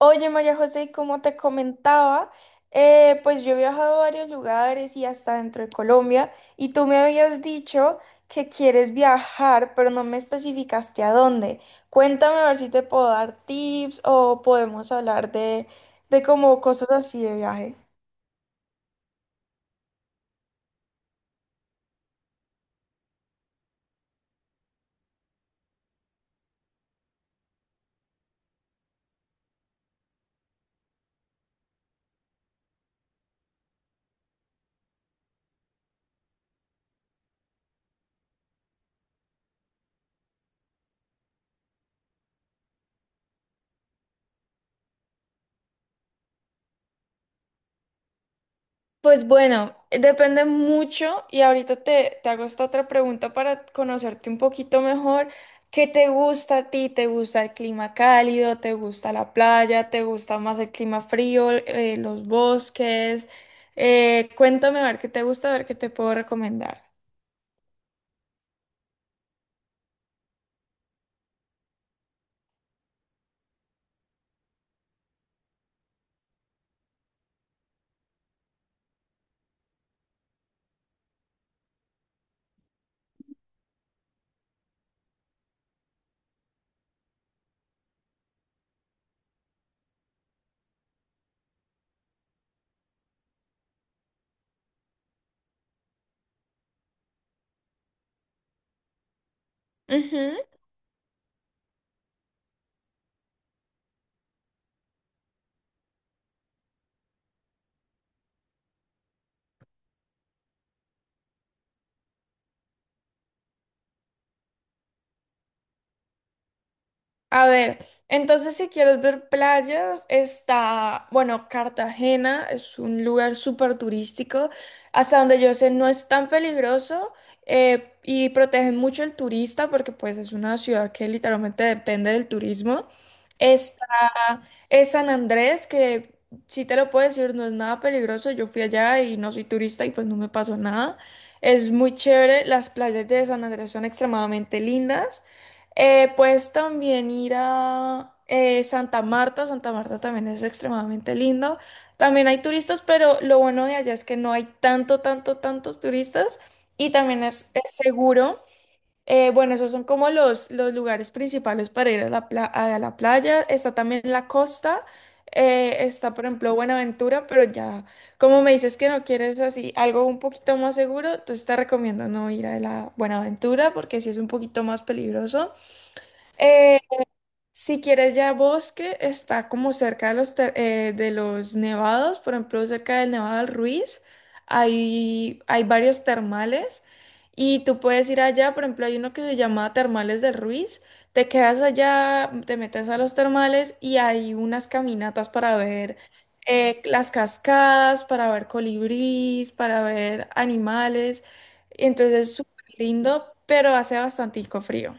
Oye, María José, y como te comentaba, pues yo he viajado a varios lugares y hasta dentro de Colombia, y tú me habías dicho que quieres viajar, pero no me especificaste a dónde. Cuéntame a ver si te puedo dar tips o podemos hablar de como cosas así de viaje. Pues bueno, depende mucho y ahorita te hago esta otra pregunta para conocerte un poquito mejor. ¿Qué te gusta a ti? ¿Te gusta el clima cálido? ¿Te gusta la playa? ¿Te gusta más el clima frío? ¿Los bosques? Cuéntame a ver qué te gusta, a ver qué te puedo recomendar. Ujú. A ver, entonces si quieres ver playas, está, bueno, Cartagena es un lugar súper turístico, hasta donde yo sé no es tan peligroso, y protegen mucho al turista porque pues es una ciudad que literalmente depende del turismo. Es San Andrés, que si te lo puedo decir, no es nada peligroso. Yo fui allá y no soy turista y pues no me pasó nada. Es muy chévere. Las playas de San Andrés son extremadamente lindas. Puedes también ir a Santa Marta. Santa Marta también es extremadamente lindo. También hay turistas, pero lo bueno de allá es que no hay tanto, tanto, tantos turistas y también es seguro. Bueno, esos son como los lugares principales para ir a la, a la playa. Está también la costa. Está, por ejemplo, Buenaventura, pero ya, como me dices que no quieres así algo un poquito más seguro, entonces te recomiendo no ir a la Buenaventura porque sí es un poquito más peligroso. Eh, si quieres ya bosque, está como cerca de de los nevados, por ejemplo, cerca del Nevado del Ruiz, hay varios termales y tú puedes ir allá, por ejemplo, hay uno que se llama Termales del Ruiz, te quedas allá, te metes a los termales y hay unas caminatas para ver las cascadas, para ver colibríes, para ver animales, entonces es súper lindo, pero hace bastantico frío.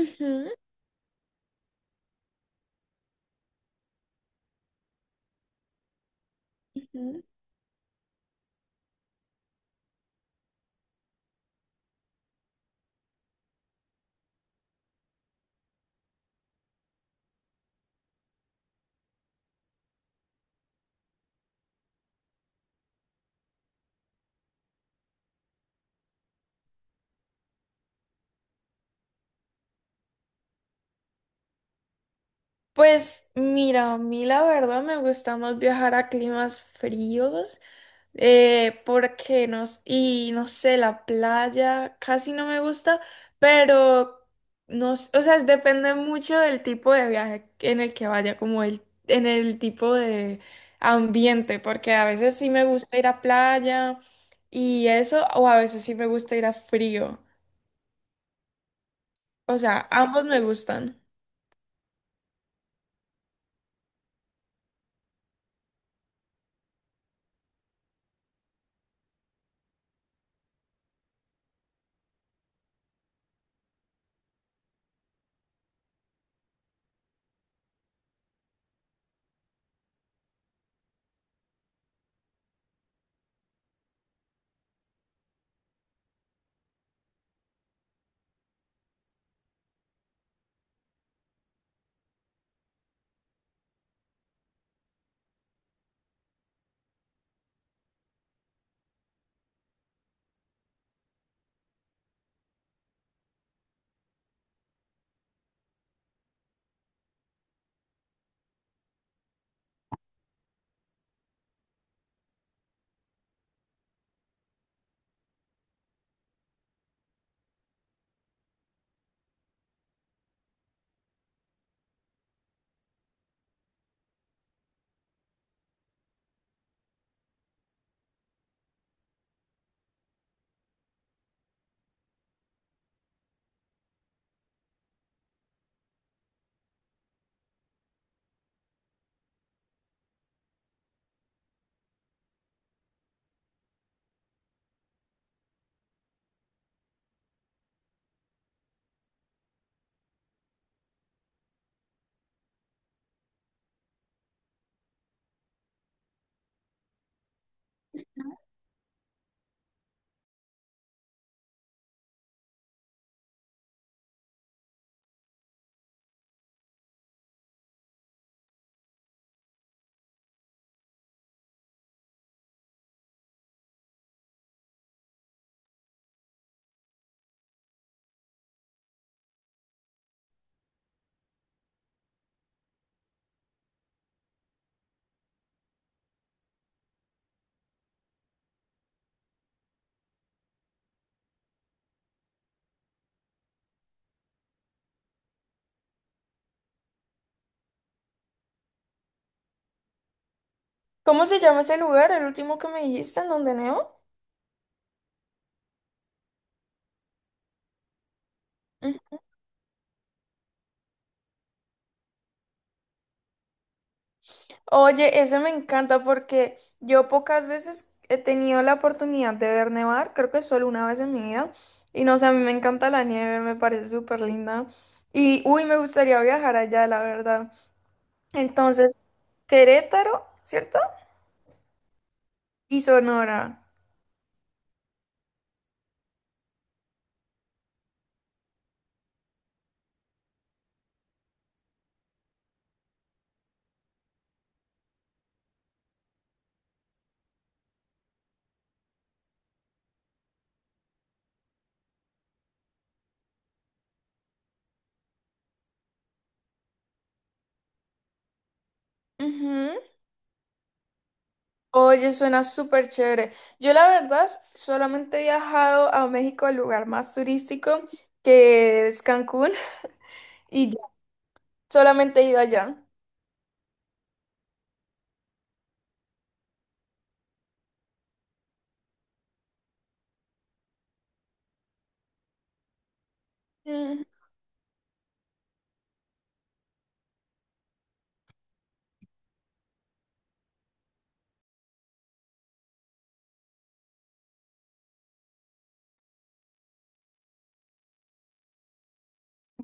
Ujú, ujú. Pues mira, a mí la verdad me gusta más viajar a climas fríos, porque y no sé, la playa casi no me gusta, pero no, s- o sea, depende mucho del tipo de viaje en el que vaya, como el, en el tipo de ambiente, porque a veces sí me gusta ir a playa y eso, o a veces sí me gusta ir a frío. O sea, ambos me gustan. ¿Cómo se llama ese lugar, el último que me dijiste, en donde neo? Oye, eso me encanta porque yo pocas veces he tenido la oportunidad de ver nevar, creo que solo una vez en mi vida. Y no sé, a mí me encanta la nieve, me parece súper linda. Y uy, me gustaría viajar allá, la verdad. Entonces, Querétaro, ¿cierto? Y Sonora. Ujú. Oye, suena súper chévere. Yo la verdad solamente he viajado a México, al lugar más turístico, que es Cancún, y ya, solamente he ido allá.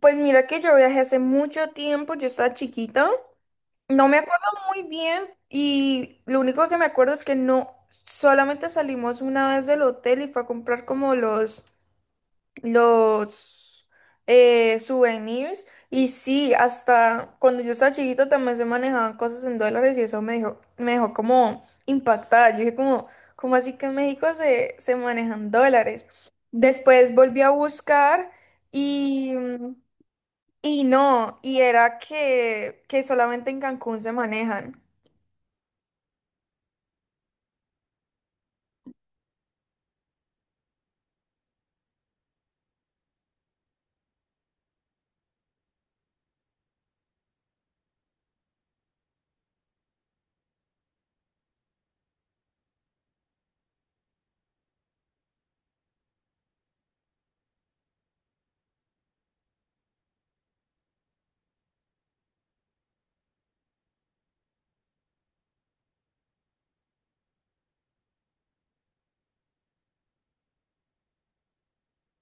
Pues mira que yo viajé hace mucho tiempo, yo estaba chiquita, no me acuerdo muy bien y lo único que me acuerdo es que no, solamente salimos una vez del hotel y fue a comprar como los souvenirs y sí, hasta cuando yo estaba chiquita también se manejaban cosas en dólares y eso me dejó como impactada, yo dije como, ¿cómo así que en México se manejan dólares? Después volví a buscar y... y no, y era que solamente en Cancún se manejan.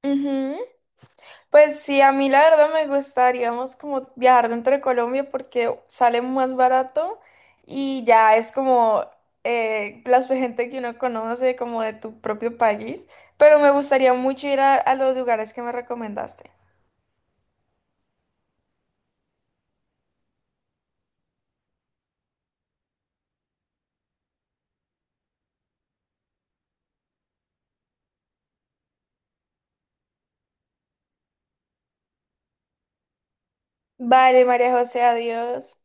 Ujú. Pues sí, a mí la verdad me gustaría más como viajar dentro de Colombia porque sale más barato y ya es como la gente que uno conoce como de tu propio país, pero me gustaría mucho ir a los lugares que me recomendaste. Vale, María José, adiós.